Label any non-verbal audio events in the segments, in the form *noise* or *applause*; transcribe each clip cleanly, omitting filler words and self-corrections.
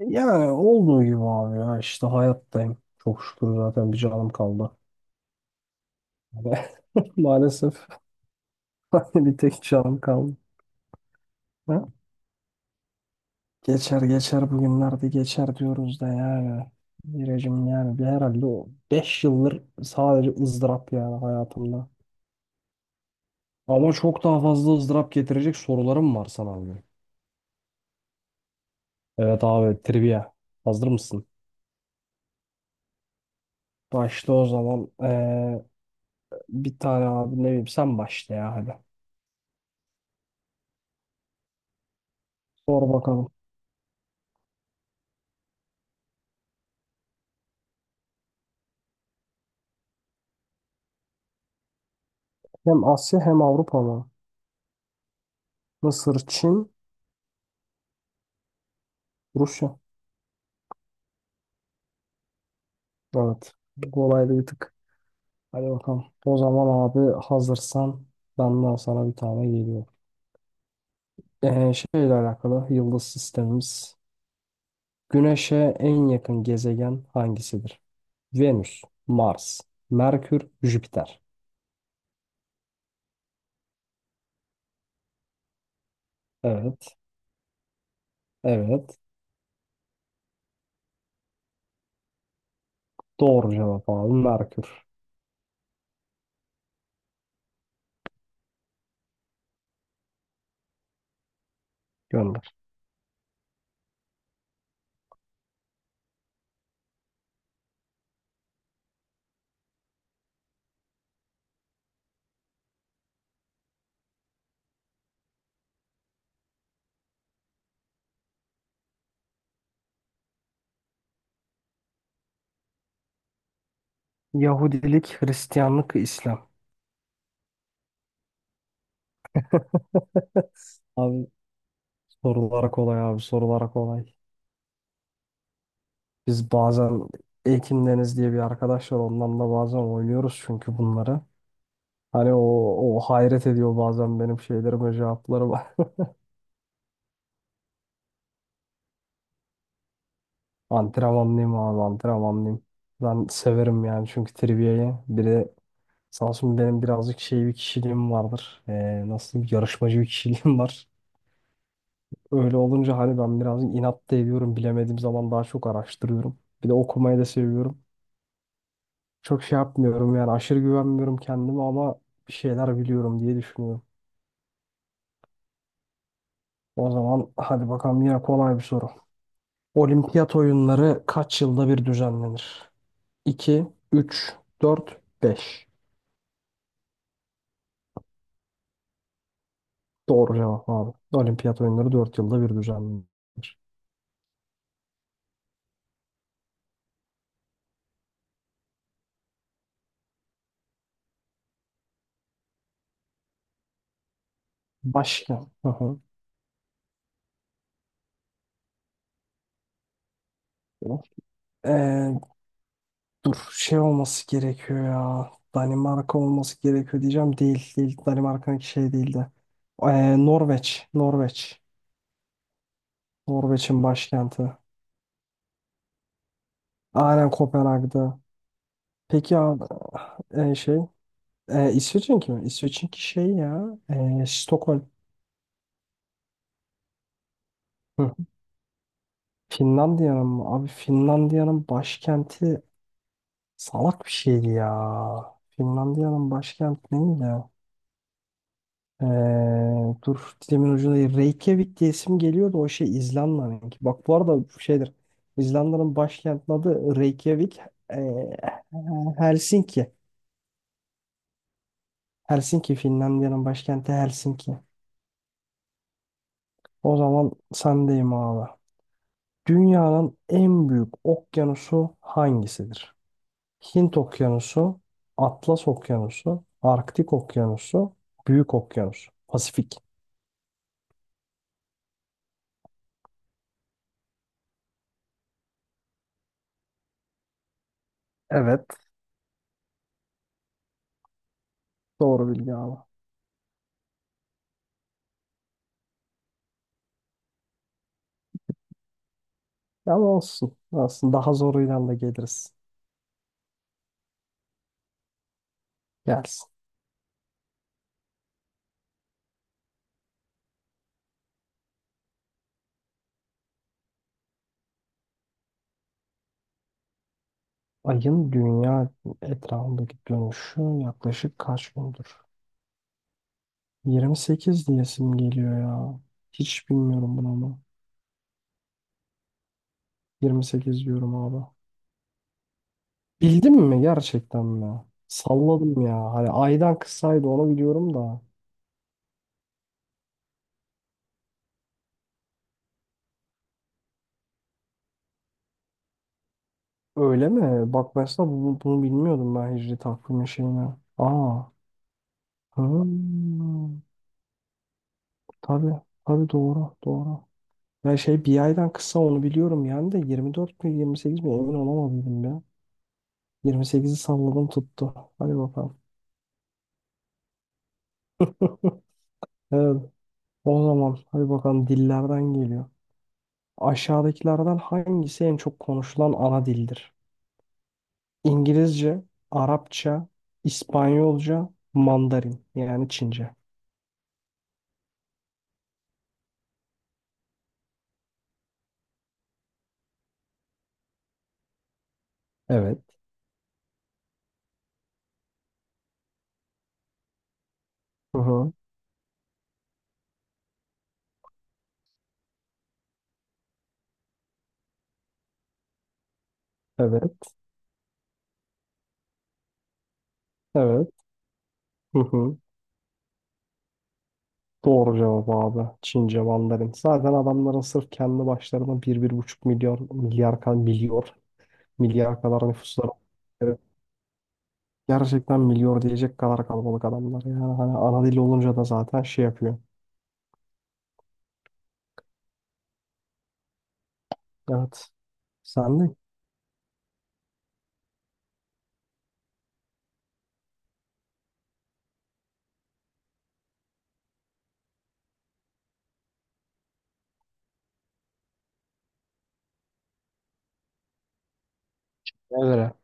Yani olduğu gibi abi ya işte hayattayım. Çok şükür zaten bir canım kaldı. *laughs* Maalesef *laughs* bir tek canım kaldı. Ha? Geçer geçer bugünlerde geçer diyoruz da yani. Biricim yani bir herhalde o 5 yıldır sadece ızdırap yani hayatımda. Ama çok daha fazla ızdırap getirecek sorularım var sana abi. Evet abi trivia. Hazır mısın? Başla o zaman. Bir tane abi ne bileyim sen başla ya hadi. Sor bakalım. Hem Asya hem Avrupa mı? Mısır, Çin, Rusya. Evet. Bu kolaydı bir tık. Hadi bakalım. O zaman abi hazırsan benden sana bir tane geliyor. Şeyle alakalı yıldız sistemimiz. Güneş'e en yakın gezegen hangisidir? Venüs, Mars, Merkür, Jüpiter. Evet. Evet. Doğru cevap abi. Merkür. Gönder. Yahudilik, Hristiyanlık, İslam. *laughs* Abi sorulara kolay abi sorulara kolay. Biz bazen Ekin Deniz diye bir arkadaş var ondan da bazen oynuyoruz çünkü bunları. Hani o hayret ediyor bazen benim şeylerime cevaplarıma. *laughs* Antrenmanlıyım abi antrenmanlıyım. Ben severim yani çünkü trivia'yı. Bir de sağ olsun benim birazcık şey bir kişiliğim vardır. Nasıl diyeyim, yarışmacı bir kişiliğim var. Öyle olunca hani ben birazcık inat da ediyorum. Bilemediğim zaman daha çok araştırıyorum. Bir de okumayı da seviyorum. Çok şey yapmıyorum yani aşırı güvenmiyorum kendime ama bir şeyler biliyorum diye düşünüyorum. O zaman hadi bakalım yine kolay bir soru. Olimpiyat oyunları kaç yılda bir düzenlenir? 2, üç, dört, beş. Doğru cevap abi. Olimpiyat oyunları 4 yılda bir düzenlenir. Başka? Hı hı. Ee, dur şey olması gerekiyor ya. Danimarka olması gerekiyor diyeceğim. Değil değil. Danimarka'nınki şey değildi. Norveç. Norveç. Norveç'in başkenti. Aynen Kopenhag'da. Peki abi şey İsveç'inki mi? İsveç'inki şey ya. Stockholm. Hı. Finlandiya'nın mı? Abi Finlandiya'nın başkenti salak bir şeydi ya. Finlandiya'nın başkenti neydi? E, dur dilimin ucunda değil. Reykjavik diye isim geliyordu o şey İzlanda'nınki. Bak bu arada şeydir. İzlanda'nın başkentinin adı Reykjavik. E, Helsinki. Helsinki Finlandiya'nın başkenti Helsinki. O zaman sendeyim abi. Dünyanın en büyük okyanusu hangisidir? Hint Okyanusu, Atlas Okyanusu, Arktik Okyanusu, Büyük Okyanus, Pasifik. Evet, doğru bilgi abi. Ama olsun. Aslında daha zoruyla da geliriz. Gelsin. Ayın dünya etrafındaki dönüşü yaklaşık kaç gündür? 28 diyesim geliyor ya. Hiç bilmiyorum bunu ama. 28 diyorum abi. Bildim mi gerçekten mi? Salladım ya. Hani aydan kısaydı onu biliyorum da. Öyle mi? Bak mesela bunu bilmiyordum ben hicri takvimi şeyini. Aa. Hmm. Tabii. Tabii doğru. Doğru. Ya şey bir aydan kısa onu biliyorum yani de 24 mi 28 mi emin olamadım ya. 28'i salladım tuttu. Hadi bakalım. *laughs* Evet. O zaman hadi bakalım dillerden geliyor. Aşağıdakilerden hangisi en çok konuşulan ana dildir? İngilizce, Arapça, İspanyolca, Mandarin yani Çince. Evet. Hı hı. Evet. Evet. Hı hı. Doğru cevap abi. Çince, Mandarin. Zaten adamların sırf kendi başlarına bir buçuk milyar kadar nüfusları var. Evet. Gerçekten milyar diyecek kadar kalabalık adamlar. Yani hani ana dil olunca da zaten şey yapıyor. Evet. Sen de Cenevre.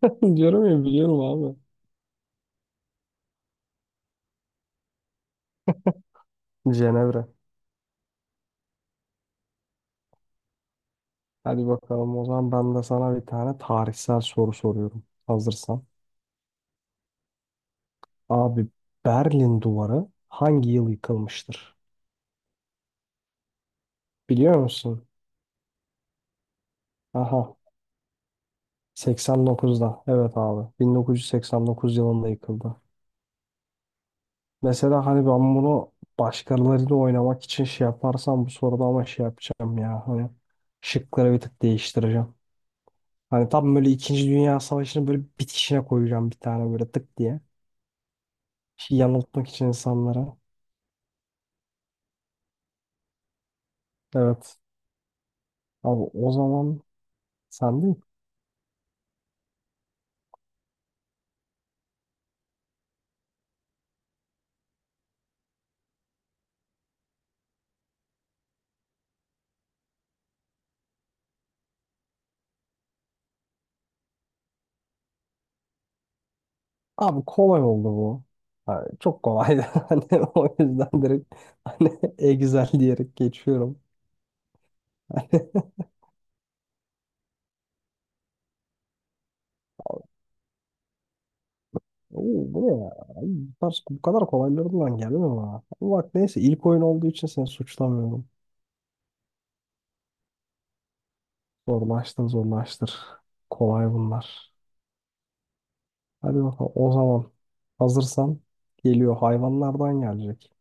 *laughs* Diyorum ya biliyorum abi. Cenevre. Hadi bakalım o zaman ben de sana bir tane tarihsel soru soruyorum. Hazırsan. Abi Berlin Duvarı hangi yıl yıkılmıştır? Biliyor musun? Aha 89'da. Evet abi 1989 yılında yıkıldı. Mesela hani ben bunu başkalarıyla oynamak için şey yaparsam bu soruda ama şey yapacağım ya. Hani şıkları bir tık değiştireceğim. Hani tam böyle İkinci Dünya Savaşı'nı böyle bitişine koyacağım bir tane böyle tık diye. Şey yanıltmak için insanlara. Evet. Abi o zaman sen değil. Abi kolay oldu bu. Ha, çok kolaydı. *laughs* Hani o yüzden direkt hani e güzel diyerek geçiyorum. *laughs* Oo, bu ne ya? Ay, bu kadar kolaylarından geldi mi bana? Ama bak neyse ilk oyun olduğu için seni suçlamıyorum. Zorlaştır zorlaştır. Kolay bunlar. Hadi bakalım o zaman hazırsan geliyor hayvanlardan gelecek.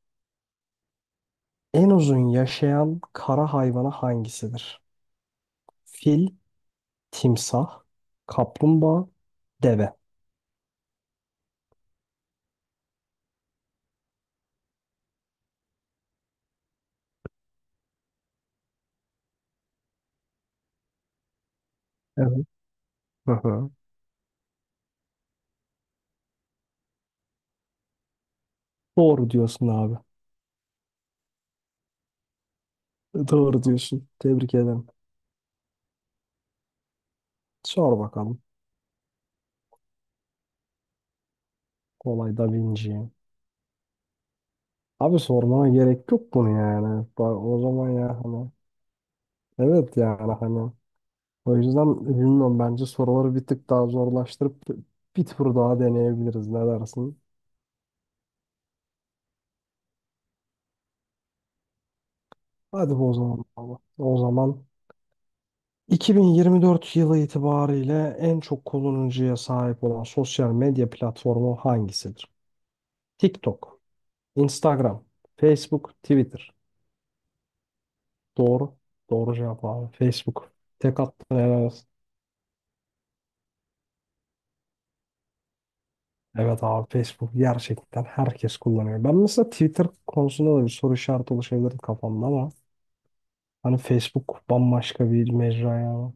En uzun yaşayan kara hayvanı hangisidir? Fil, timsah, kaplumbağa, deve. Evet. Hı hı. Doğru diyorsun abi. Doğru diyorsun. Tebrik ederim. Sor bakalım. Kolay Da Vinci. Abi sormana gerek yok bunu yani. O zaman ya hani. Evet yani hani. O yüzden bilmiyorum bence soruları bir tık daha zorlaştırıp bir tur daha deneyebiliriz. Ne dersin? Hadi bu o zaman abi. O zaman 2024 yılı itibariyle en çok kullanıcıya sahip olan sosyal medya platformu hangisidir? TikTok, Instagram, Facebook, Twitter. Doğru. Doğru cevap abi. Facebook. Tek attın helal olsun. Evet abi Facebook gerçekten herkes kullanıyor. Ben mesela Twitter konusunda da bir soru işareti oluşabilirdi kafamda ama hani Facebook bambaşka bir mecra ya.